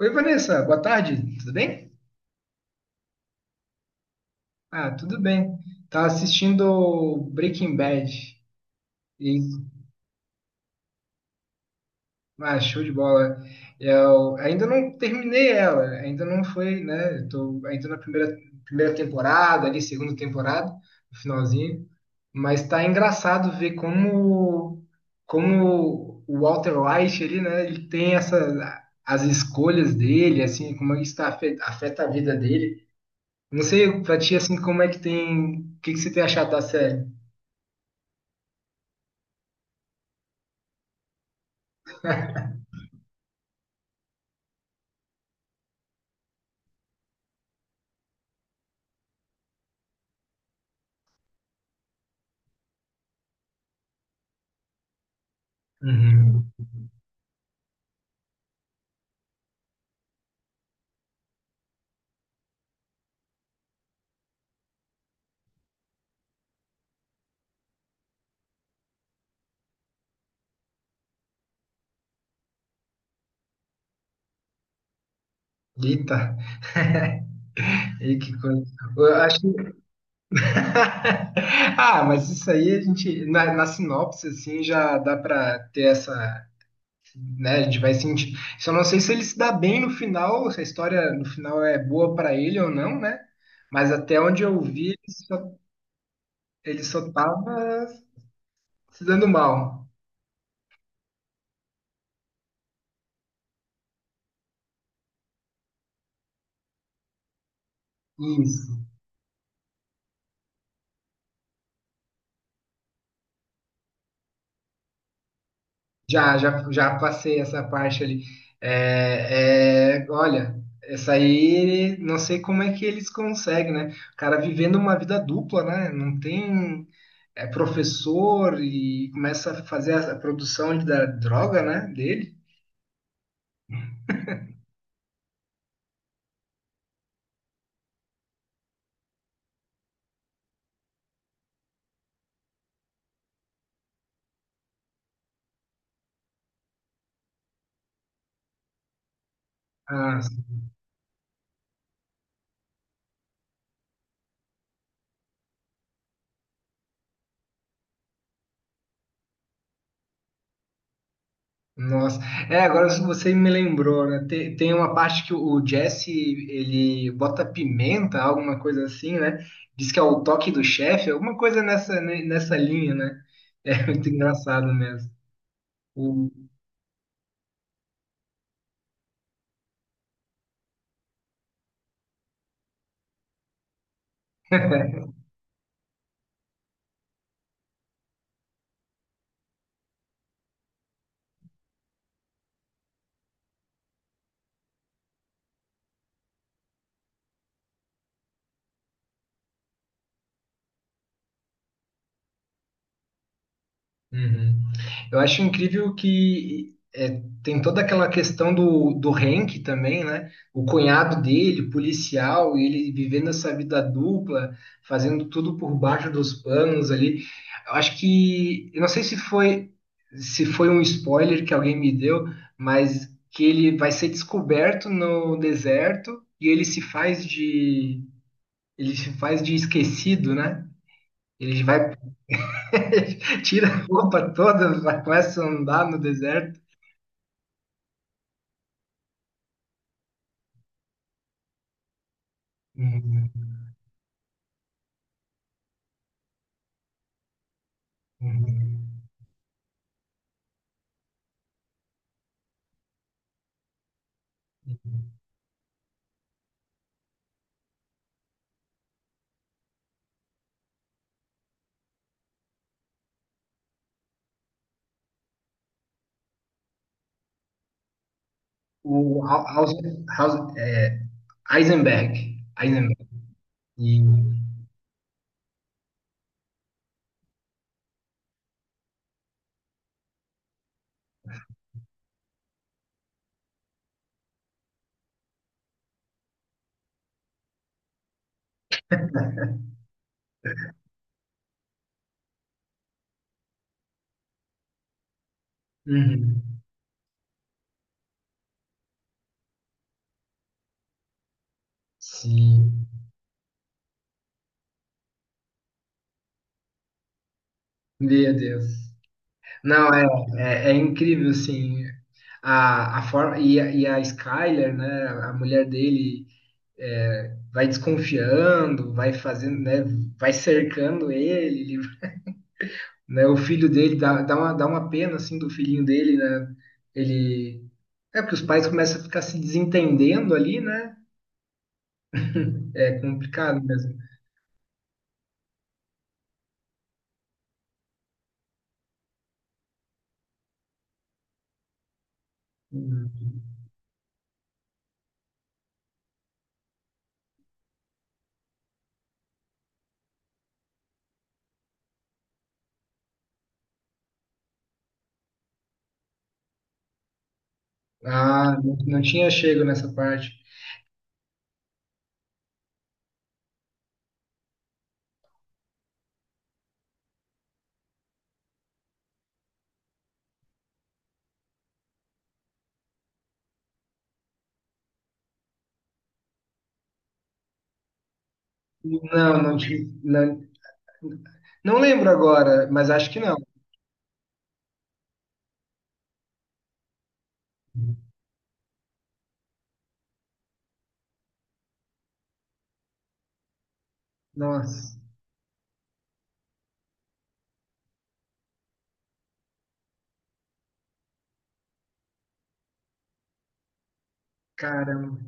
Oi, Vanessa, boa tarde, tudo bem? Ah, tudo bem. Tava assistindo Breaking Bad e ah, show de bola. Eu ainda não terminei ela, ainda não foi, né? Eu tô ainda na primeira, primeira temporada, ali, segunda temporada, no finalzinho. Mas tá engraçado ver como, como o Walter White ali, né? Ele tem essas as escolhas dele, assim, como isso tá afeta a vida dele. Não sei pra ti, assim, como é que tem. O que que você tem achado da série? Uhum. Eita. E que coisa. Eu acho que- Ah, mas isso aí a gente. Na sinopse, assim, já dá pra ter essa. Né? A gente vai sentir. Só não sei se ele se dá bem no final, se a história no final é boa pra ele ou não, né? Mas até onde eu vi, ele só tava se dando mal. Isso. Já passei essa parte ali. É, é, olha, essa aí, não sei como é que eles conseguem, né? O cara vivendo uma vida dupla, né? Não tem, é professor e começa a fazer a produção da droga, né? Dele. Ah, nossa, é, agora você me lembrou, né? Tem, tem uma parte que o Jesse, ele bota pimenta, alguma coisa assim, né? Diz que é o toque do chefe, alguma coisa nessa, nessa linha, né? É muito engraçado mesmo. Uhum. Eu acho incrível que é, tem toda aquela questão do Hank também, né? O cunhado dele, policial, e ele vivendo essa vida dupla, fazendo tudo por baixo dos panos ali. Eu acho que, eu não sei se foi se foi um spoiler que alguém me deu, mas que ele vai ser descoberto no deserto e ele se faz de ele se faz de esquecido, né? Ele vai Tira a roupa toda, começa a andar no deserto. Uhum, uhum. O Haus, Haus, é, Eisenberg. Eisenberg. E- Uhum. Sim. Meu Deus. Não, é, é, é incrível, assim, a forma, e a Skyler, né, a mulher dele, é, vai desconfiando, vai fazendo, né, vai cercando ele né? O filho dele dá, dá uma pena assim do filhinho dele, né? Ele é porque os pais começam a ficar se desentendendo ali, né? É complicado mesmo. Hum. Ah, não não tinha chego nessa parte. Não, não tinha. Não, não lembro agora, mas acho que não. Nossa, caramba.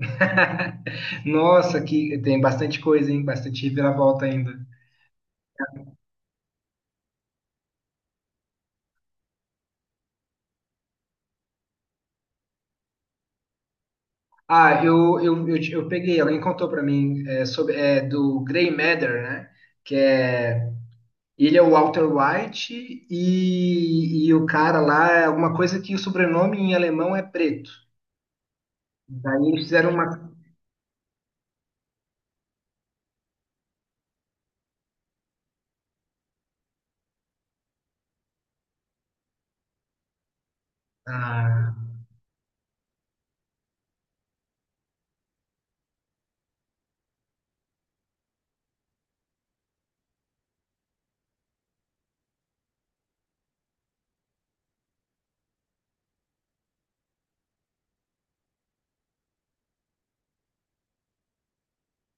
Nossa, que tem bastante coisa, hein? Bastante reviravolta ainda. Ah, eu peguei, alguém contou pra mim é, sobre é, do Grey Matter, né? Que é ele é o Walter White e o cara lá é alguma coisa que o sobrenome em alemão é preto. Daí eles fizeram uma. Ah,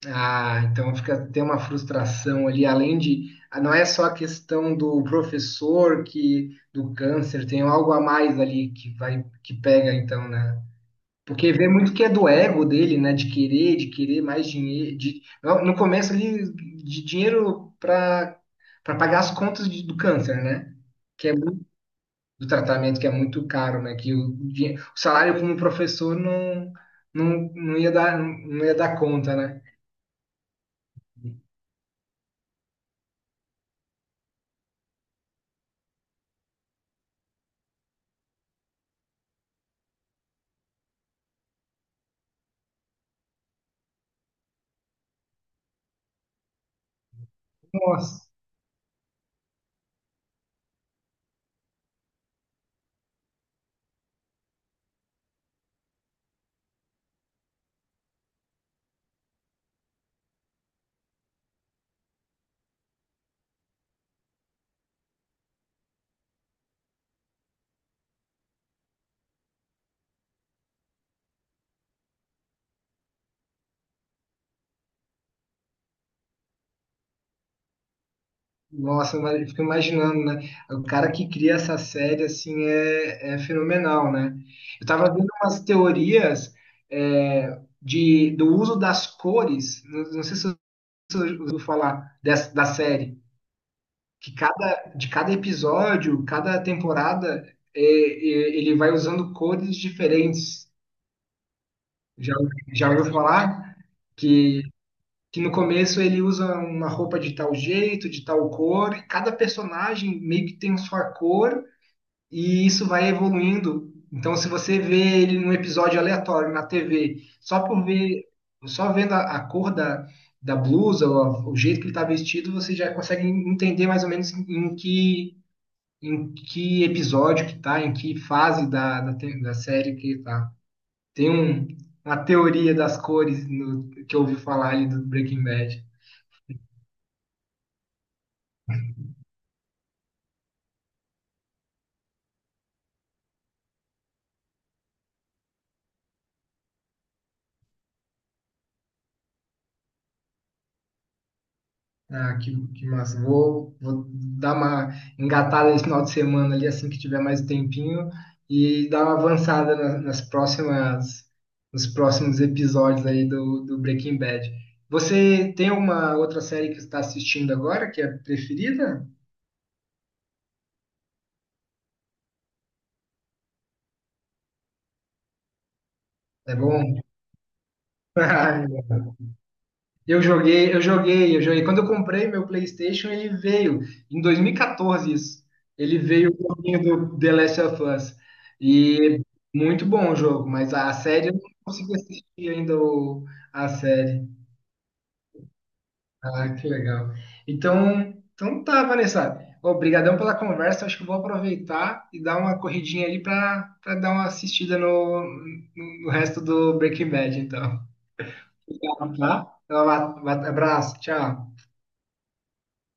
ah, então fica tem uma frustração ali, além de ah, não é só a questão do professor que do câncer, tem algo a mais ali que vai que pega então, né? Porque vê muito que é do ego dele, né? De querer mais dinheiro. De... No começo ali, de dinheiro para para pagar as contas do câncer, né? Que é muito, do tratamento, que é muito caro, né? Que o, o salário como professor não, não, não ia dar, não ia dar conta, né? Nossa. Nossa, mas eu fico imaginando, né? O cara que cria essa série, assim, é, é fenomenal, né? Eu tava vendo umas teorias é, de, do uso das cores, não, não sei se você ouviu falar dessa, da série, que cada, de cada episódio, cada temporada, é, é, ele vai usando cores diferentes. Já, já ouviu falar? Que, que no começo ele usa uma roupa de tal jeito, de tal cor, e cada personagem meio que tem sua cor, e isso vai evoluindo. Então, se você vê ele num episódio aleatório na TV, só por ver, só vendo a cor da, da blusa, ou o jeito que ele está vestido, você já consegue entender mais ou menos em, em que, em que episódio que tá, em que fase da, da série que tá. Tem uma teoria das cores que eu ouvi falar ali do Breaking Bad. Ah, que massa. Vou, vou dar uma engatada esse final de semana ali, assim que tiver mais tempinho, e dar uma avançada nas próximas, nos próximos episódios aí do Breaking Bad. Você tem alguma outra série que está assistindo agora que é preferida? É bom? Eu joguei, eu joguei, eu joguei. Quando eu comprei meu PlayStation, ele veio em 2014 isso. Ele veio o joguinho do The Last of Us. E muito bom o jogo, mas a série eu não consegui assistir ainda a série. Ah, que legal. Então, então tá, Vanessa. Obrigadão pela conversa. Acho que eu vou aproveitar e dar uma corridinha ali para dar uma assistida no, no no resto do Breaking Bad, então. Obrigado, tá? Então, um abraço, tchau.